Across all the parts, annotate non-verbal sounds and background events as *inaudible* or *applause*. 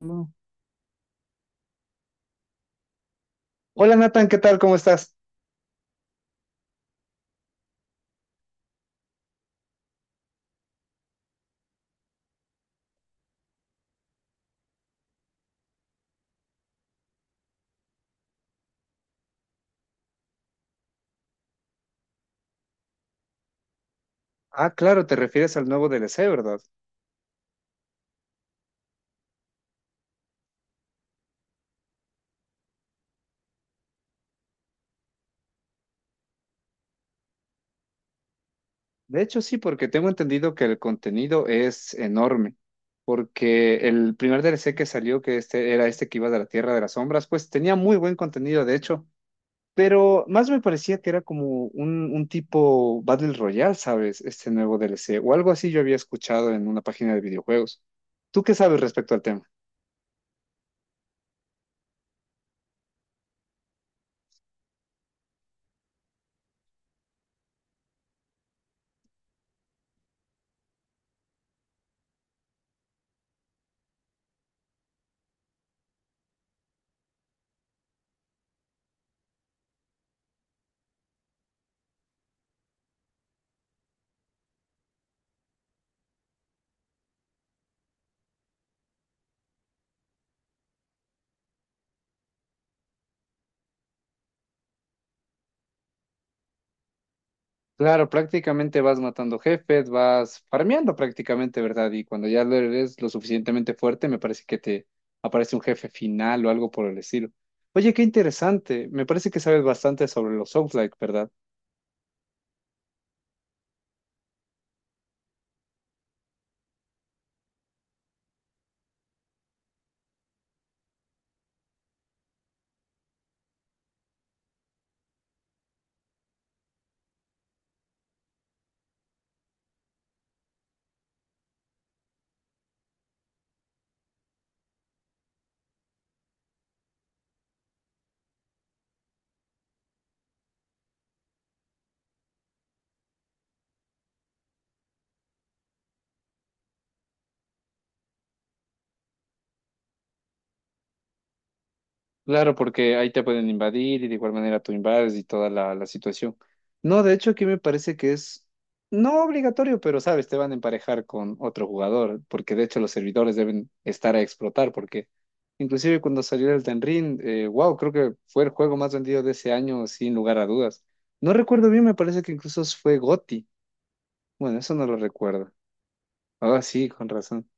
No. Hola Nathan, ¿qué tal? ¿Cómo estás? Ah, claro, te refieres al nuevo DLC, ¿verdad? De hecho, sí, porque tengo entendido que el contenido es enorme, porque el primer DLC que salió, que este era este que iba de la Tierra de las Sombras, pues tenía muy buen contenido, de hecho, pero más me parecía que era como un tipo Battle Royale, ¿sabes? Este nuevo DLC, o algo así yo había escuchado en una página de videojuegos. ¿Tú qué sabes respecto al tema? Claro, prácticamente vas matando jefes, vas farmeando prácticamente, ¿verdad? Y cuando ya lo eres lo suficientemente fuerte, me parece que te aparece un jefe final o algo por el estilo. Oye, qué interesante. Me parece que sabes bastante sobre los Souls-like, ¿verdad? Claro, porque ahí te pueden invadir y de igual manera tú invades y toda la situación. No, de hecho aquí me parece que es no obligatorio, pero sabes, te van a emparejar con otro jugador, porque de hecho los servidores deben estar a explotar, porque inclusive cuando salió el Elden Ring, wow, creo que fue el juego más vendido de ese año sin lugar a dudas. No recuerdo bien, me parece que incluso fue GOTY. Bueno, eso no lo recuerdo. Ah, sí, con razón.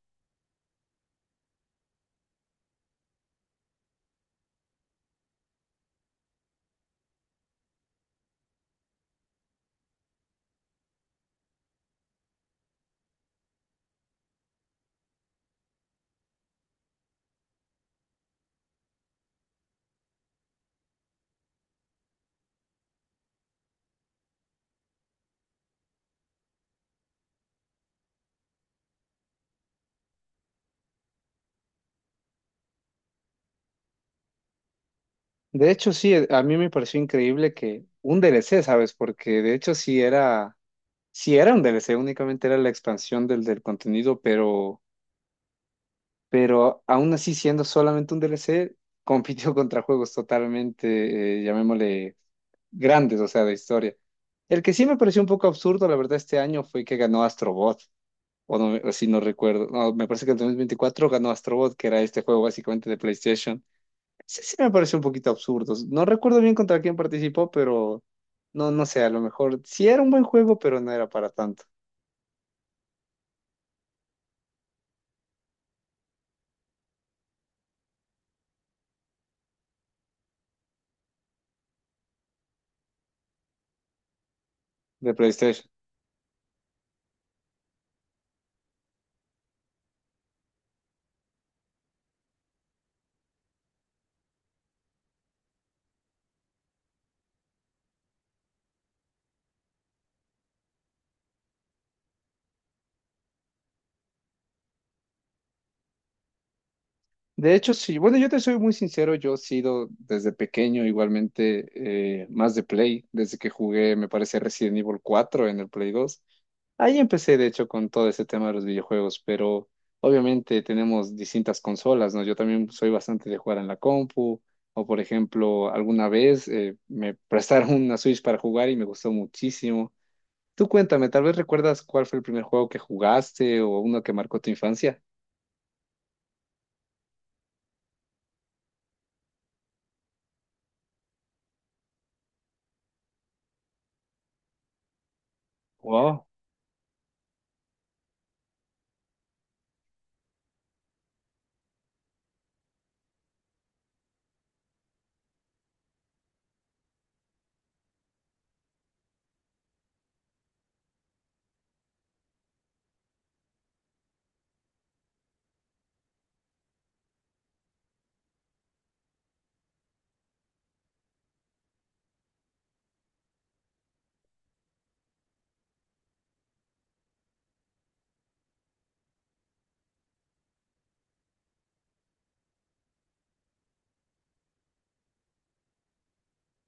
De hecho, sí, a mí me pareció increíble que un DLC, ¿sabes? Porque de hecho sí era... si era un DLC, únicamente era la expansión del contenido, pero aún así, siendo solamente un DLC, compitió *laughs* contra juegos totalmente, llamémosle, grandes, o sea, de historia. El que sí me pareció un poco absurdo, la verdad, este año fue que ganó Astrobot, o no, o si no recuerdo, no, me parece que en 2024 ganó Astrobot, que era este juego básicamente de PlayStation. Sí, sí me pareció un poquito absurdo. No recuerdo bien contra quién participó, pero no, no sé, a lo mejor sí era un buen juego, pero no era para tanto, de PlayStation. De hecho, sí. Bueno, yo te soy muy sincero, yo he sido desde pequeño igualmente más de Play, desde que jugué, me parece, Resident Evil 4 en el Play 2. Ahí empecé, de hecho, con todo ese tema de los videojuegos, pero obviamente tenemos distintas consolas, ¿no? Yo también soy bastante de jugar en la compu, o por ejemplo, alguna vez me prestaron una Switch para jugar y me gustó muchísimo. Tú cuéntame, tal vez recuerdas cuál fue el primer juego que jugaste o uno que marcó tu infancia.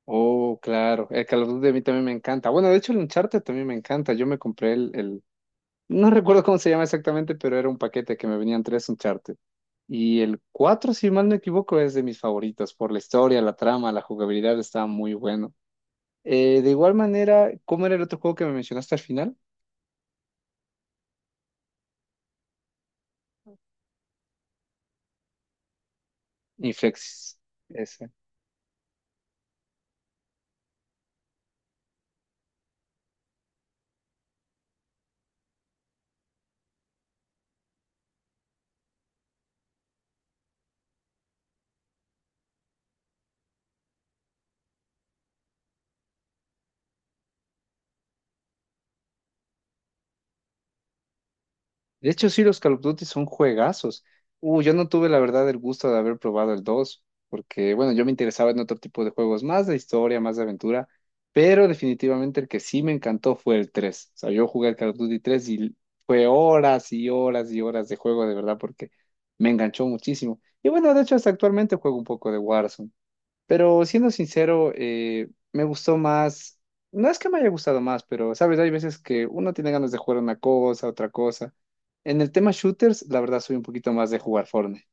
Oh, claro. El Call of Duty a mí también me encanta. Bueno, de hecho el Uncharted también me encanta. Yo me compré el... No recuerdo cómo se llama exactamente, pero era un paquete que me venían tres Uncharted. Y el 4, si mal no equivoco, es de mis favoritos por la historia, la trama, la jugabilidad, está muy bueno. De igual manera, ¿cómo era el otro juego que me mencionaste al final? Inflex. De hecho, sí, los Call of Duty son juegazos. Yo no tuve la verdad el gusto de haber probado el 2 porque bueno, yo me interesaba en otro tipo de juegos, más de historia, más de aventura, pero definitivamente el que sí me encantó fue el 3. O sea, yo jugué el Call of Duty 3 y fue horas y horas y horas de juego, de verdad, porque me enganchó muchísimo. Y bueno, de hecho, hasta actualmente juego un poco de Warzone. Pero siendo sincero, me gustó más. No es que me haya gustado más, pero sabes, hay veces que uno tiene ganas de jugar una cosa, otra cosa. En el tema shooters, la verdad soy un poquito más de jugar Fortnite.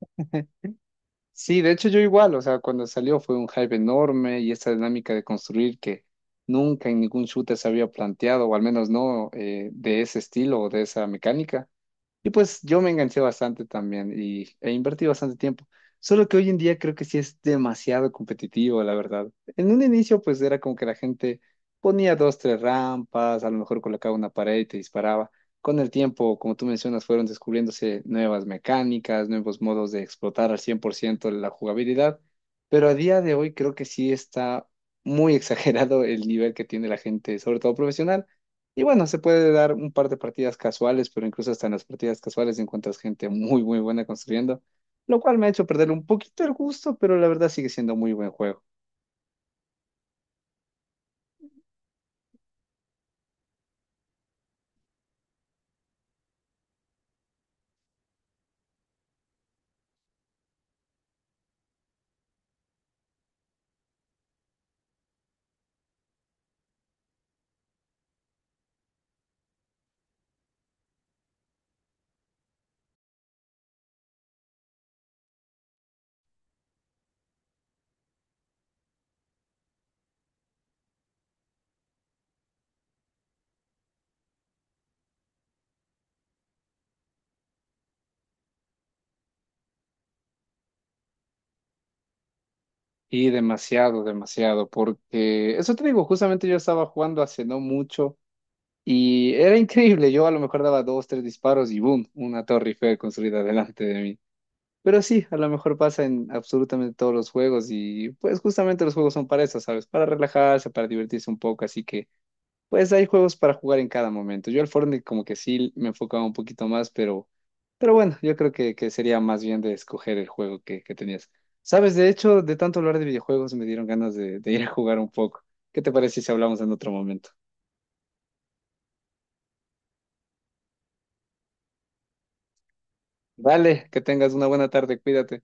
*laughs* Sí, de hecho yo igual, o sea, cuando salió fue un hype enorme y esta dinámica de construir que nunca en ningún shooter se había planteado, o al menos no de ese estilo o de esa mecánica. Y pues yo me enganché bastante también e invertí bastante tiempo. Solo que hoy en día creo que sí es demasiado competitivo, la verdad. En un inicio pues era como que la gente ponía dos, tres rampas, a lo mejor colocaba una pared y te disparaba. Con el tiempo, como tú mencionas, fueron descubriéndose nuevas mecánicas, nuevos modos de explotar al 100% la jugabilidad. Pero a día de hoy creo que sí está muy *laughs* exagerado el nivel que tiene la gente, sobre todo profesional. Y bueno, se puede dar un par de partidas casuales, pero incluso hasta en las partidas casuales encuentras gente muy, muy buena construyendo, lo cual me ha hecho perder un poquito el gusto, pero la verdad sigue siendo muy buen juego. Y demasiado, demasiado, porque eso te digo, justamente yo estaba jugando hace no mucho y era increíble. Yo a lo mejor daba dos, tres disparos y boom, una torre Eiffel construida *laughs* delante de mí. Pero sí, a lo mejor pasa en absolutamente todos los juegos y pues justamente los juegos son para eso, ¿sabes? Para relajarse, para divertirse un poco, así que... Pues hay juegos para jugar en cada momento. Yo al Fortnite como que sí me enfocaba un poquito más, pero bueno, yo creo que sería más bien de escoger el juego que tenías. Sabes, de hecho, de tanto hablar de videojuegos me dieron ganas de ir a jugar un poco. ¿Qué te parece si hablamos en otro momento? Vale, que tengas una buena tarde, cuídate.